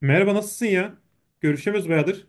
Merhaba nasılsın ya? Görüşemiyoruz bayağıdır.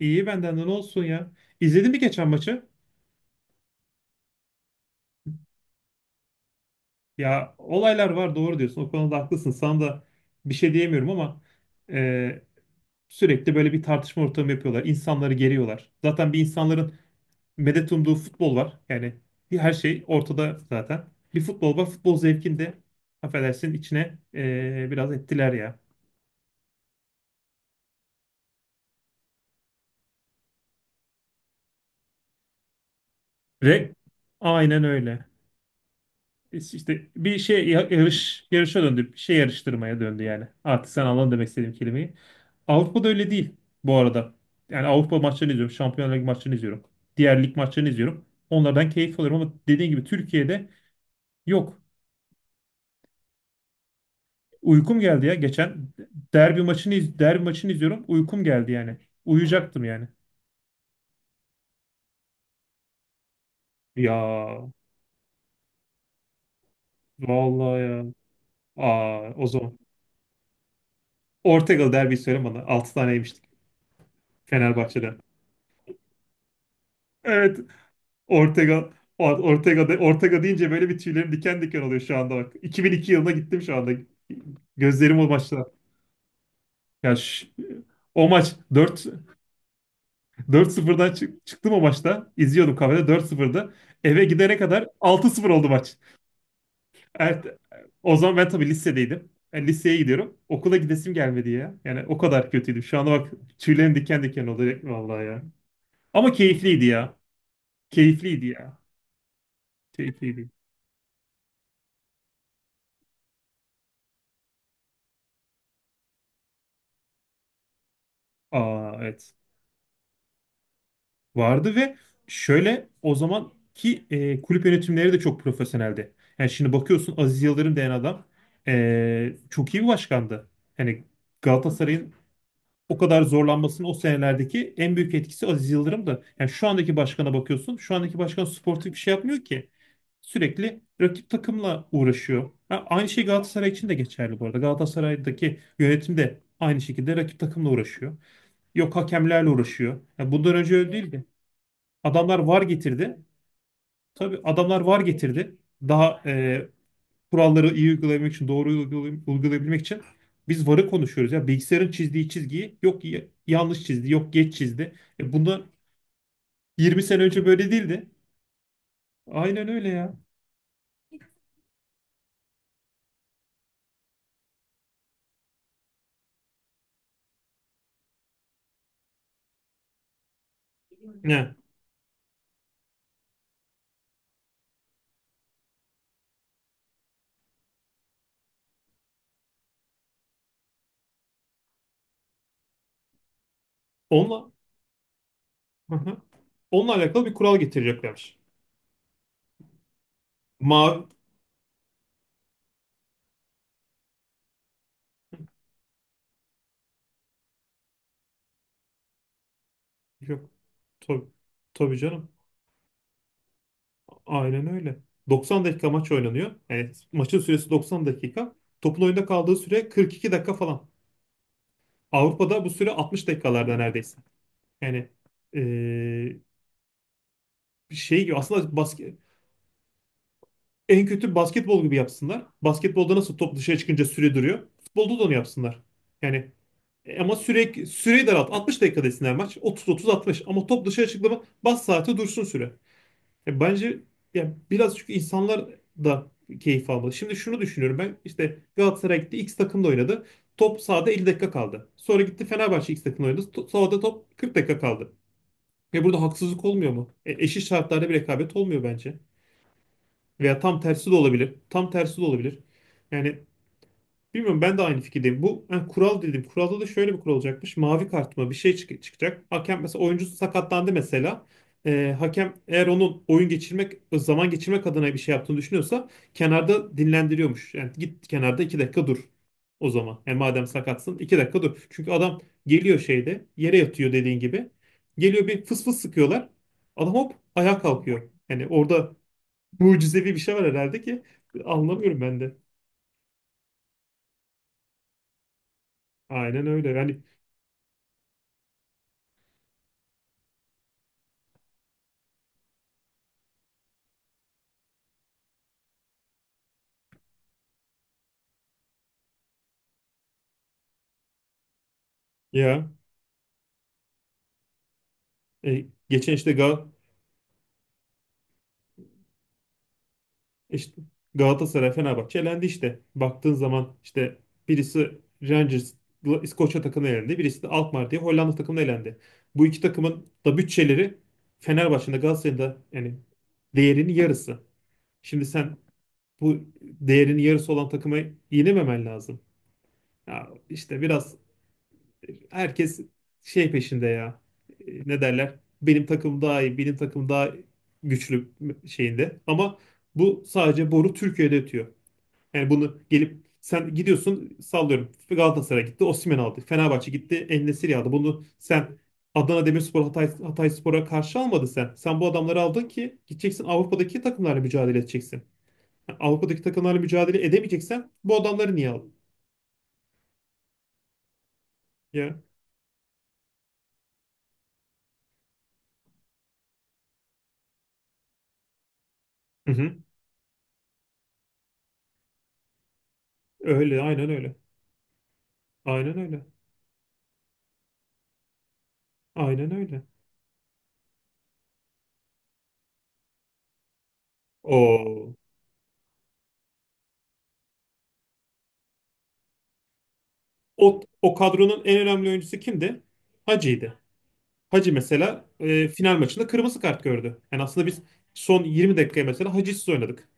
İyi benden de ne olsun ya? İzledin mi geçen maçı? Ya olaylar var doğru diyorsun. O konuda haklısın. Sana da bir şey diyemiyorum ama e, sürekli böyle bir tartışma ortamı yapıyorlar. İnsanları geriyorlar. Zaten bir insanların medet umduğu futbol var. Yani bir her şey ortada zaten. Bir futbol var. Futbol zevkini de affedersin içine biraz ettiler ya. Re Aynen öyle. Yarış yarışa döndü. Bir şey yarıştırmaya döndü yani. Artık sen anladın demek istediğim kelimeyi. Avrupa'da öyle değil bu arada. Yani Avrupa maçlarını izliyorum. Şampiyonlar Ligi maçlarını izliyorum. Diğer lig maçlarını izliyorum. Onlardan keyif alıyorum ama dediğin gibi Türkiye'de yok. Uykum geldi ya. Geçen derbi maçını izliyorum. Uykum geldi yani. Uyuyacaktım yani. Ya vallahi ya. Aa, o zaman. Ortegal derbi söyle bana. 6 tane yemiştik Fenerbahçe'den. Evet. Ortega. Ortega de, Ortega deyince böyle bir tüylerim diken diken oluyor şu anda bak. 2002 yılına gittim şu anda. Gözlerim o maçta. Ya ş- O maç dört sıfırdan çıktım o maçta. İzliyordum kafede dört 0dı. Eve gidene kadar 6-0 oldu maç. Evet, o zaman ben tabii lisedeydim. Yani liseye gidiyorum. Okula gidesim gelmedi ya. Yani o kadar kötüydüm. Şu anda bak tüylerim diken diken oluyor vallahi ya. Ama keyifliydi ya. Keyifliydi ya. Keyifliydi. Aa evet. Vardı ve şöyle o zamanki kulüp yönetimleri de çok profesyoneldi. Yani şimdi bakıyorsun Aziz Yıldırım denen adam çok iyi bir başkandı. Yani Galatasaray'ın o kadar zorlanmasının o senelerdeki en büyük etkisi Aziz Yıldırım'dı. Yani şu andaki başkana bakıyorsun. Şu andaki başkan sportif bir şey yapmıyor ki. Sürekli rakip takımla uğraşıyor. Ha, aynı şey Galatasaray için de geçerli bu arada. Galatasaray'daki yönetim de aynı şekilde rakip takımla uğraşıyor. Yok hakemlerle uğraşıyor. Ya bundan önce öyle değildi. Adamlar VAR getirdi. Tabii adamlar VAR getirdi. Daha kuralları iyi uygulayabilmek için, doğru uygulayabilmek için biz VAR'ı konuşuyoruz. Ya bilgisayarın çizdiği çizgiyi yok yanlış çizdi, yok geç çizdi. Bunda 20 sene önce böyle değildi. Aynen öyle ya. Ne? Onunla Hı hı. Onunla alakalı bir kural getireceklermiş. Mavi Yok. Tabii, tabii canım. Aynen öyle. 90 dakika maç oynanıyor. Yani maçın süresi 90 dakika. Topun oyunda kaldığı süre 42 dakika falan. Avrupa'da bu süre 60 dakikalarda neredeyse. Yani eee, şey gibi aslında basket, en kötü basketbol gibi yapsınlar. Basketbolda nasıl top dışarı çıkınca süre duruyor. Futbolda da onu yapsınlar. Yani ama sürekli süreyi daralt. 60 dakika desinler maç. 30-30-60 ama top dışarı çıktı mı bas saati dursun süre. Bence ya biraz çünkü insanlar da keyif almalı. Şimdi şunu düşünüyorum ben işte Galatasaray gitti X takımda oynadı. Top sahada 50 dakika kaldı. Sonra gitti Fenerbahçe X takımda oynadı. Sahada top 40 dakika kaldı. Ve burada haksızlık olmuyor mu? Eşit şartlarda bir rekabet olmuyor bence. Veya tam tersi de olabilir. Tam tersi de olabilir. Yani bilmiyorum ben de aynı fikirdeyim. Bu ha, kural dedim. Kuralda da şöyle bir kural olacakmış. Mavi kart mı bir şey çıkacak. Hakem mesela oyuncu sakatlandı mesela. Hakem eğer onun oyun geçirmek, zaman geçirmek adına bir şey yaptığını düşünüyorsa kenarda dinlendiriyormuş. Yani git kenarda 2 dakika dur o zaman. Yani madem sakatsın 2 dakika dur. Çünkü adam geliyor şeyde yere yatıyor dediğin gibi. Geliyor bir fıs fıs sıkıyorlar. Adam hop ayağa kalkıyor. Yani orada mucizevi bir şey var herhalde ki anlamıyorum ben de. Aynen öyle. Yani ya E, geçen işte, Gal e, işte Galatasaray, Fenerbahçe elendi işte. Baktığın zaman işte birisi Rangers, İskoçya takımına elendi. Birisi de Alkmaar diye Hollanda takımına elendi. Bu iki takımın da bütçeleri Fenerbahçe'nin de Galatasaray'ın da yani değerinin yarısı. Şimdi sen bu değerinin yarısı olan takıma yenememen lazım. Ya işte biraz herkes şey peşinde ya. Ne derler? Benim takım daha iyi, benim takım daha güçlü şeyinde. Ama bu sadece boru Türkiye'de ötüyor. Yani bunu gelip sen gidiyorsun sallıyorum. Galatasaray gitti, Osimhen aldı. Fenerbahçe gitti, En-Nesyri aldı. Bunu sen Adana Demirspor, Hatay, Hatayspor'a karşı almadın sen. Sen bu adamları aldın ki gideceksin Avrupa'daki takımlarla mücadele edeceksin. Yani Avrupa'daki takımlarla mücadele edemeyeceksen bu adamları niye aldın? Ya. Hı hı. Öyle, aynen öyle. Aynen öyle. Aynen öyle. O, O kadronun en önemli oyuncusu kimdi? Hacı'ydı. Hacı mesela final maçında kırmızı kart gördü. Yani aslında biz son 20 dakikaya mesela Hacı'sız oynadık.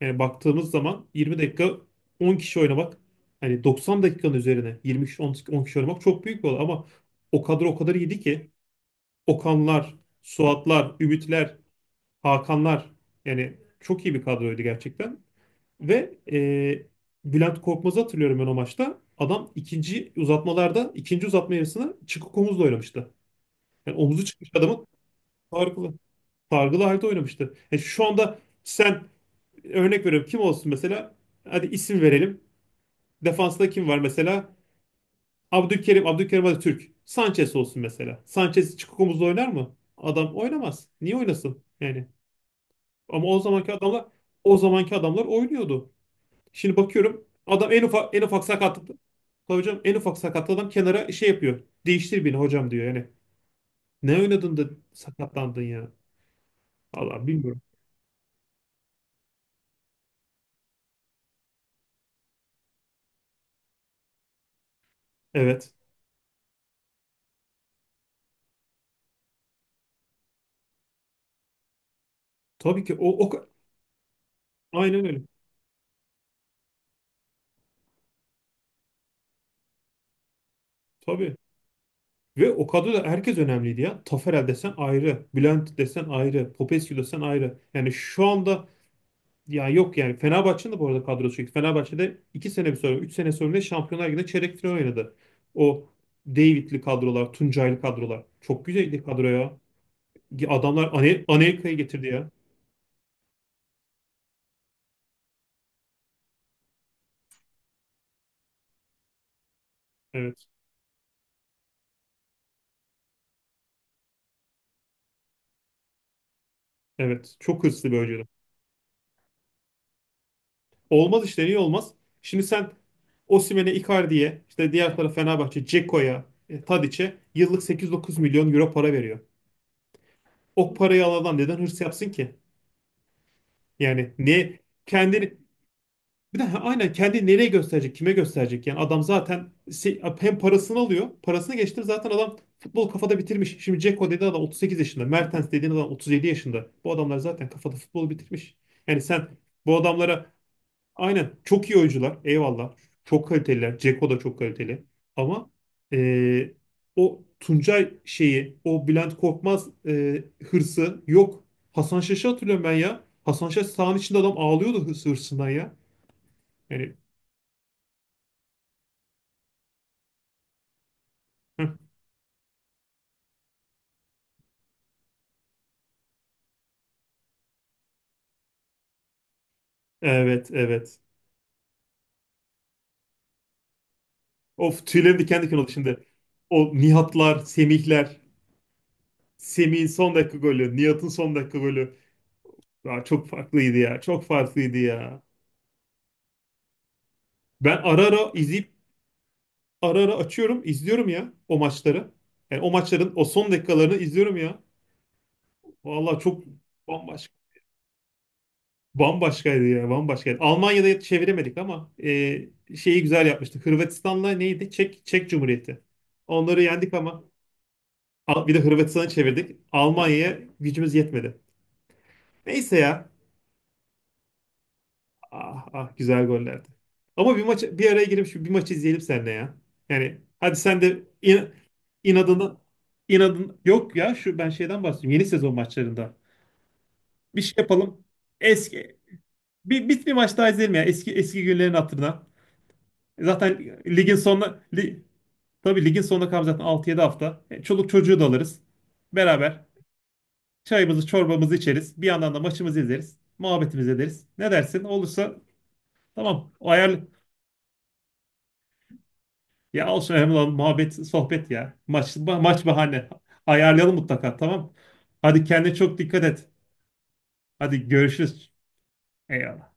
Yani baktığımız zaman 20 dakika 10 kişi oynamak hani 90 dakikanın üzerine 20 kişi 10 kişi oynamak çok büyük bir olay ama o kadro o kadar iyiydi ki Okanlar, Suatlar, Ümitler, Hakanlar yani çok iyi bir kadroydu gerçekten. Ve Bülent Korkmaz'ı hatırlıyorum ben o maçta. Adam ikinci uzatmalarda, ikinci uzatma yarısına çıkık omuzla oynamıştı. Yani omuzu çıkmış adamın targılı, targılı halde oynamıştı. Yani şu anda sen örnek veriyorum kim olsun mesela? Hadi isim verelim. Defansta kim var mesela? Abdülkerim, Abdülkerim hadi Türk. Sanchez olsun mesela. Sanchez çıkık omuzla oynar mı? Adam oynamaz. Niye oynasın? Yani ama o zamanki adamlar o zamanki adamlar oynuyordu. Şimdi bakıyorum adam en ufak en ufak sakatlıkta hocam en ufak sakatlıkta adam kenara şey yapıyor. Değiştir beni hocam diyor yani. Ne oynadın da sakatlandın ya? Allah bilmiyorum. Evet. Tabii ki o, o ka- Aynen öyle. Tabii. Ve o kadroda herkes önemliydi ya. Taferel desen ayrı, Bülent desen ayrı, Popescu desen ayrı. Yani şu anda ya yok yani Fenerbahçe'nin de bu arada kadrosu yüksek. Fenerbahçe'de 2 sene bir sonra 3 sene sonra Şampiyonlar Ligi'nde çeyrek final oynadı. O David'li kadrolar, Tuncay'lı kadrolar. Çok güzeldi kadroya. Adamlar Anelka'yı getirdi ya. Evet. Evet. Çok hırslı bir oyuncuydu. Olmaz işte. Niye olmaz? Şimdi sen Osimhen'e, Icardi'ye, işte diğer taraf Fenerbahçe, Dzeko'ya, Tadiç'e yıllık 8-9 milyon euro para veriyor. O parayı alan adam neden hırs yapsın ki? Yani ne kendini aynen kendi nereye gösterecek, kime gösterecek? Yani adam zaten hem parasını alıyor. Parasını geçtim zaten adam futbol kafada bitirmiş. Şimdi Dzeko dediğin adam 38 yaşında. Mertens dediğin adam 37 yaşında. Bu adamlar zaten kafada futbolu bitirmiş. Yani sen bu adamlara aynen çok iyi oyuncular. Eyvallah. Çok kaliteliler. Dzeko da çok kaliteli. Ama eee, o Tuncay şeyi, o Bülent Korkmaz hırsı yok. Hasan Şaş'ı hatırlıyorum ben ya. Hasan Şaş sahanın içinde adam ağlıyordu hırsından ya. Yani. Evet, evet. Of tüylerim diken diken oldu şimdi. O Nihatlar, Semihler. Semih'in son dakika golü, Nihat'ın son dakika golü. Ya çok farklıydı ya, çok farklıydı ya. Ben ara ara izleyip, ara ara açıyorum, izliyorum ya o maçları. Yani o maçların o son dakikalarını izliyorum ya. Vallahi çok bambaşka, bambaşkaydı ya, bambaşkaydı. Almanya'da çeviremedik ama şeyi güzel yapmıştık. Hırvatistan'la neydi? Çek, Çek Cumhuriyeti. Onları yendik ama. Bir de Hırvatistan'a çevirdik. Almanya'ya gücümüz yetmedi. Neyse ya. Ah ah güzel gollerdi. Ama bir maç bir araya girip şu bir maçı izleyelim seninle ya. Yani hadi sen de inadına inadın yok ya şu ben şeyden bahsediyorum. Yeni sezon maçlarında. Bir şey yapalım. Eski bir maç daha izleyelim ya eski eski günlerin hatırına. Zaten tabii ligin sonuna kalmış zaten 6-7 hafta. Çoluk çocuğu da alırız. Beraber çayımızı, çorbamızı içeriz. Bir yandan da maçımızı izleriz. Muhabbetimizi ederiz. Ne dersin? Olursa tamam. Ayarlı. Ya olsun önemli olan muhabbet, sohbet ya. Maç, maç bahane. Ayarlayalım mutlaka tamam. Hadi kendine çok dikkat et. Hadi görüşürüz. Eyvallah.